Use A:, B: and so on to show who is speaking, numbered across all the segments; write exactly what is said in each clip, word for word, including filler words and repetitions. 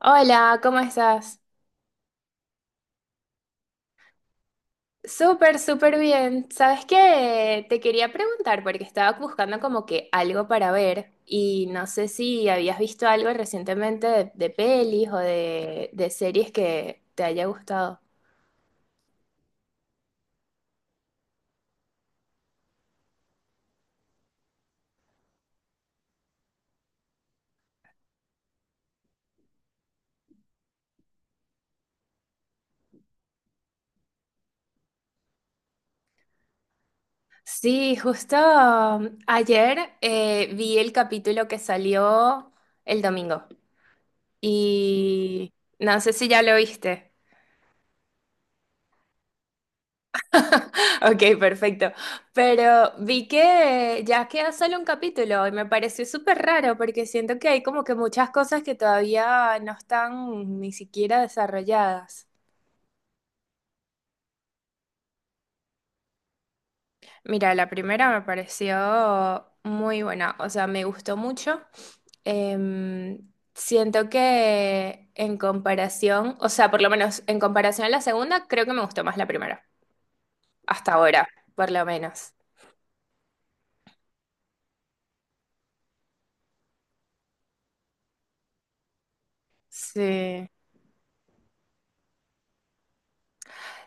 A: Hola, ¿cómo estás? Súper, súper bien. ¿Sabes qué? Te quería preguntar porque estaba buscando como que algo para ver y no sé si habías visto algo recientemente de, de pelis o de, de series que te haya gustado. Sí, justo ayer eh, vi el capítulo que salió el domingo y no sé si ya lo viste. Ok, perfecto. Pero vi que ya queda solo un capítulo y me pareció súper raro porque siento que hay como que muchas cosas que todavía no están ni siquiera desarrolladas. Mira, la primera me pareció muy buena, o sea, me gustó mucho. Em, Siento que en comparación, o sea, por lo menos en comparación a la segunda, creo que me gustó más la primera, hasta ahora, por lo menos. Sí.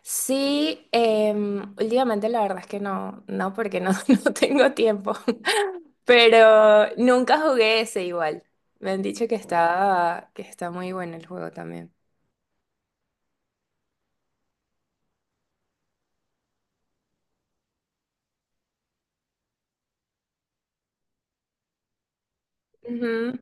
A: Sí, em, últimamente la verdad es que no, no, porque no, no tengo tiempo, pero nunca jugué ese igual. Me han dicho que está, que está muy bueno el juego también. Ujú,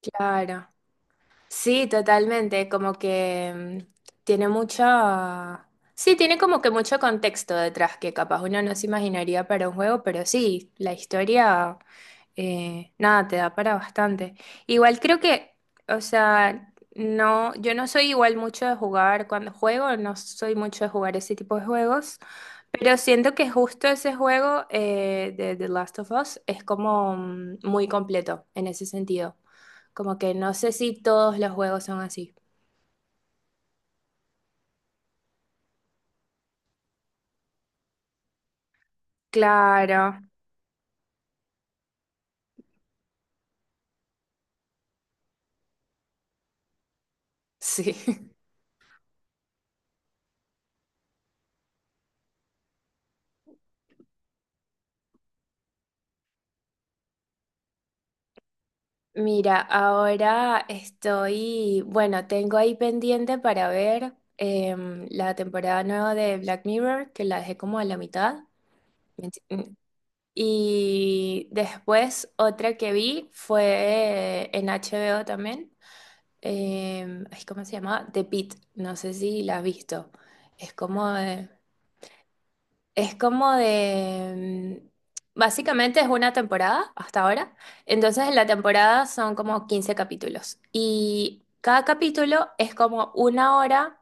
A: claro. Sí, totalmente, como que em, tiene mucha... Sí, tiene como que mucho contexto detrás que capaz uno no se imaginaría para un juego, pero sí, la historia... eh, nada, te da para bastante. Igual creo que, o sea, no, yo no soy igual mucho de jugar cuando juego, no soy mucho de jugar ese tipo de juegos, pero siento que justo ese juego eh, de The Last of Us es como mm, muy completo en ese sentido. Como que no sé si todos los juegos son así. Claro, sí. Mira, ahora estoy, bueno, tengo ahí pendiente para ver em, la temporada nueva de Black Mirror, que la dejé como a la mitad. Menti- mm. Y después otra que vi fue en H B O también. Em, ay, ¿cómo se llama? The Pitt, no sé si la has visto. Es como de- es como de... mm, Básicamente es una temporada hasta ahora. Entonces en la temporada son como quince capítulos. Y cada capítulo es como una hora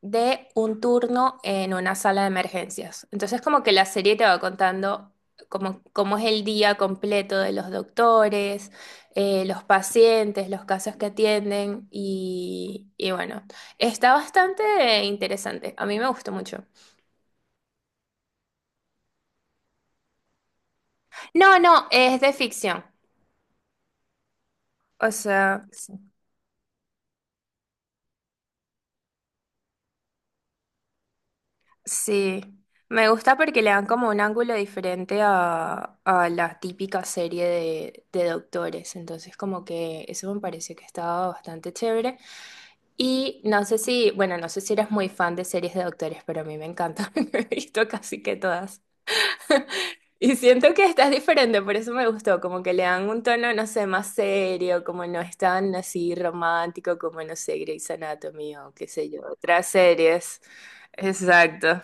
A: de un turno en una sala de emergencias. Entonces como que la serie te va contando cómo, cómo es el día completo de los doctores, eh, los pacientes, los casos que atienden. Y, y bueno, está bastante interesante. A mí me gustó mucho. No, no, es de ficción. O sea, sí. Sí. Me gusta porque le dan como un ángulo diferente a, a la típica serie de, de doctores. Entonces, como que eso me pareció que estaba bastante chévere. Y no sé si, bueno, no sé si eres muy fan de series de doctores, pero a mí me encanta. He visto casi que todas. Y siento que estás diferente, por eso me gustó. Como que le dan un tono, no sé, más serio, como no es tan así romántico como, no sé, Grey's Anatomy o qué sé yo, otras series. Exacto.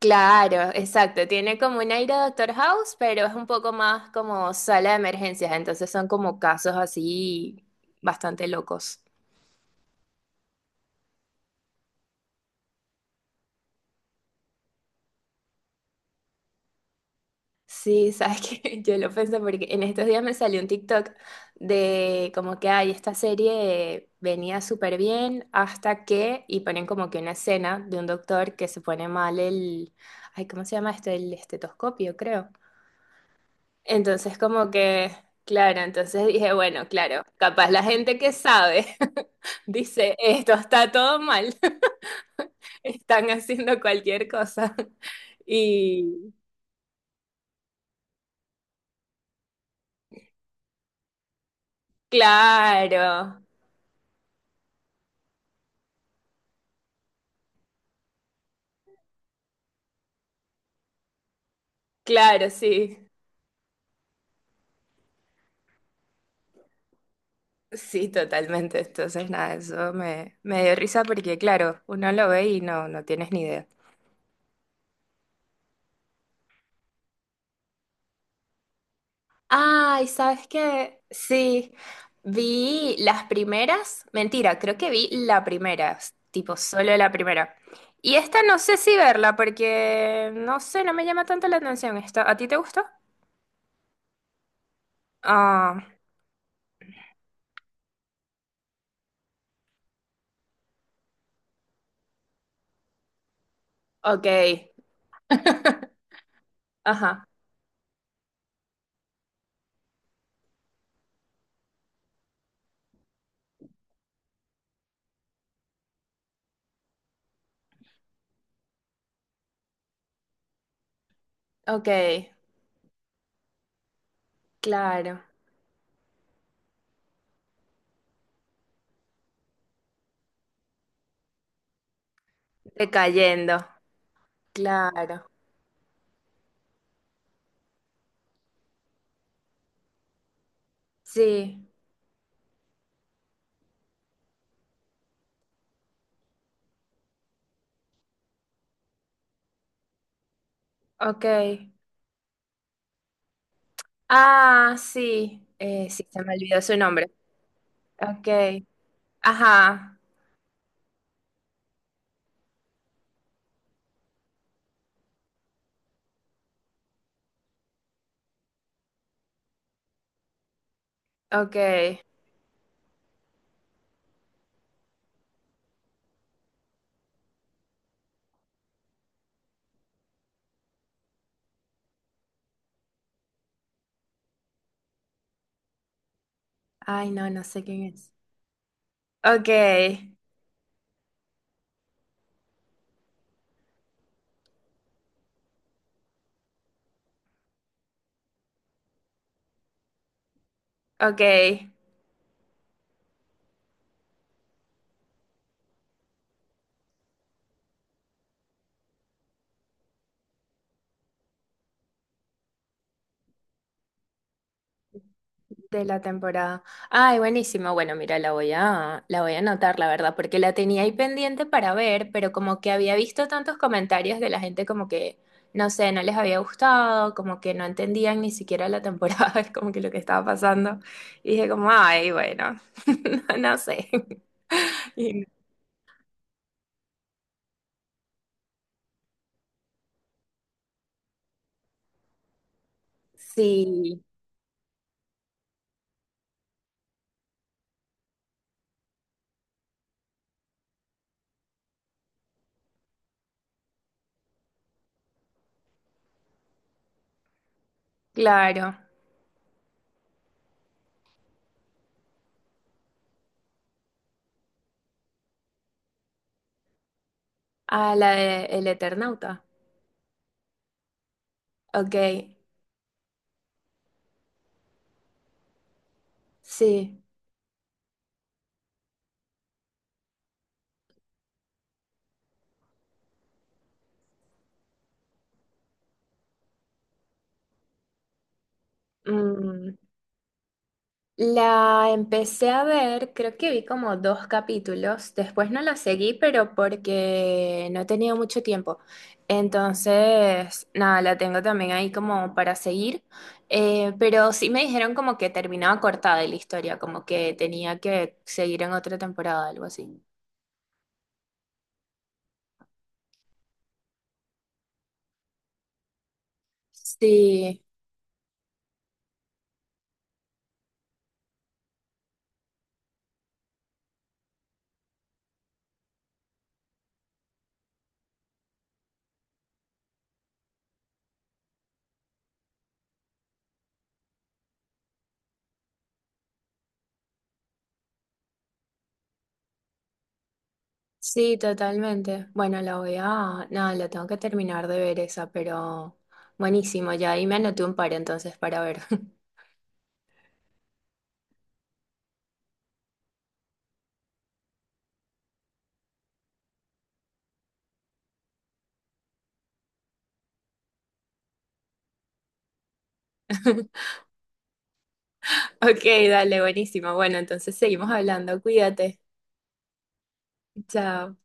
A: Claro, exacto. Tiene como un aire de Doctor House, pero es un poco más como sala de emergencias. Entonces son como casos así bastante locos. Sí, sabes que yo lo pensé porque en estos días me salió un TikTok de como que, ay, esta serie venía súper bien hasta que, y ponen como que una escena de un doctor que se pone mal el, ay, ¿cómo se llama esto? El estetoscopio, creo. Entonces, como que, claro, entonces dije, bueno, claro, capaz la gente que sabe dice, esto está todo mal, están haciendo cualquier cosa. Y claro, claro, sí, sí, totalmente. Entonces, nada, eso me, me dio risa porque, claro, uno lo ve y no, no tienes ni idea. Ay, ¿sabes qué? Sí, vi las primeras, mentira, creo que vi la primera, tipo solo la primera. Y esta no sé si verla porque no sé, no me llama tanto la atención esta. ¿A ti te gustó? Ah, ok. Ajá, ok, claro. Decayendo, claro. Sí, ok. Ah, sí, eh, sí, se me olvidó su nombre. Ok, ajá, ok. Ay, no, no sé quién es. Ok, ok, de la temporada. Ay, buenísimo. Bueno, mira, la voy a, la voy a anotar, la verdad, porque la tenía ahí pendiente para ver, pero como que había visto tantos comentarios de la gente como que, no sé, no les había gustado, como que no entendían ni siquiera la temporada, es como que lo que estaba pasando. Y dije como, ay, bueno, no, no sé. Y- Sí, claro. A la de El Eternauta. Ok, sí. Mm, la empecé a ver, creo que vi como dos capítulos, después no la seguí, pero porque no he tenido mucho tiempo. Entonces, nada, la tengo también ahí como para seguir, eh, pero sí me dijeron como que terminaba cortada la historia, como que tenía que seguir en otra temporada, algo así. Sí, sí, totalmente. Bueno, la voy a, nada, la tengo que terminar de ver esa, pero buenísimo, ya ahí me anoté un par entonces para ver. Ok, dale, buenísimo. Bueno, entonces seguimos hablando. Cuídate. Chao.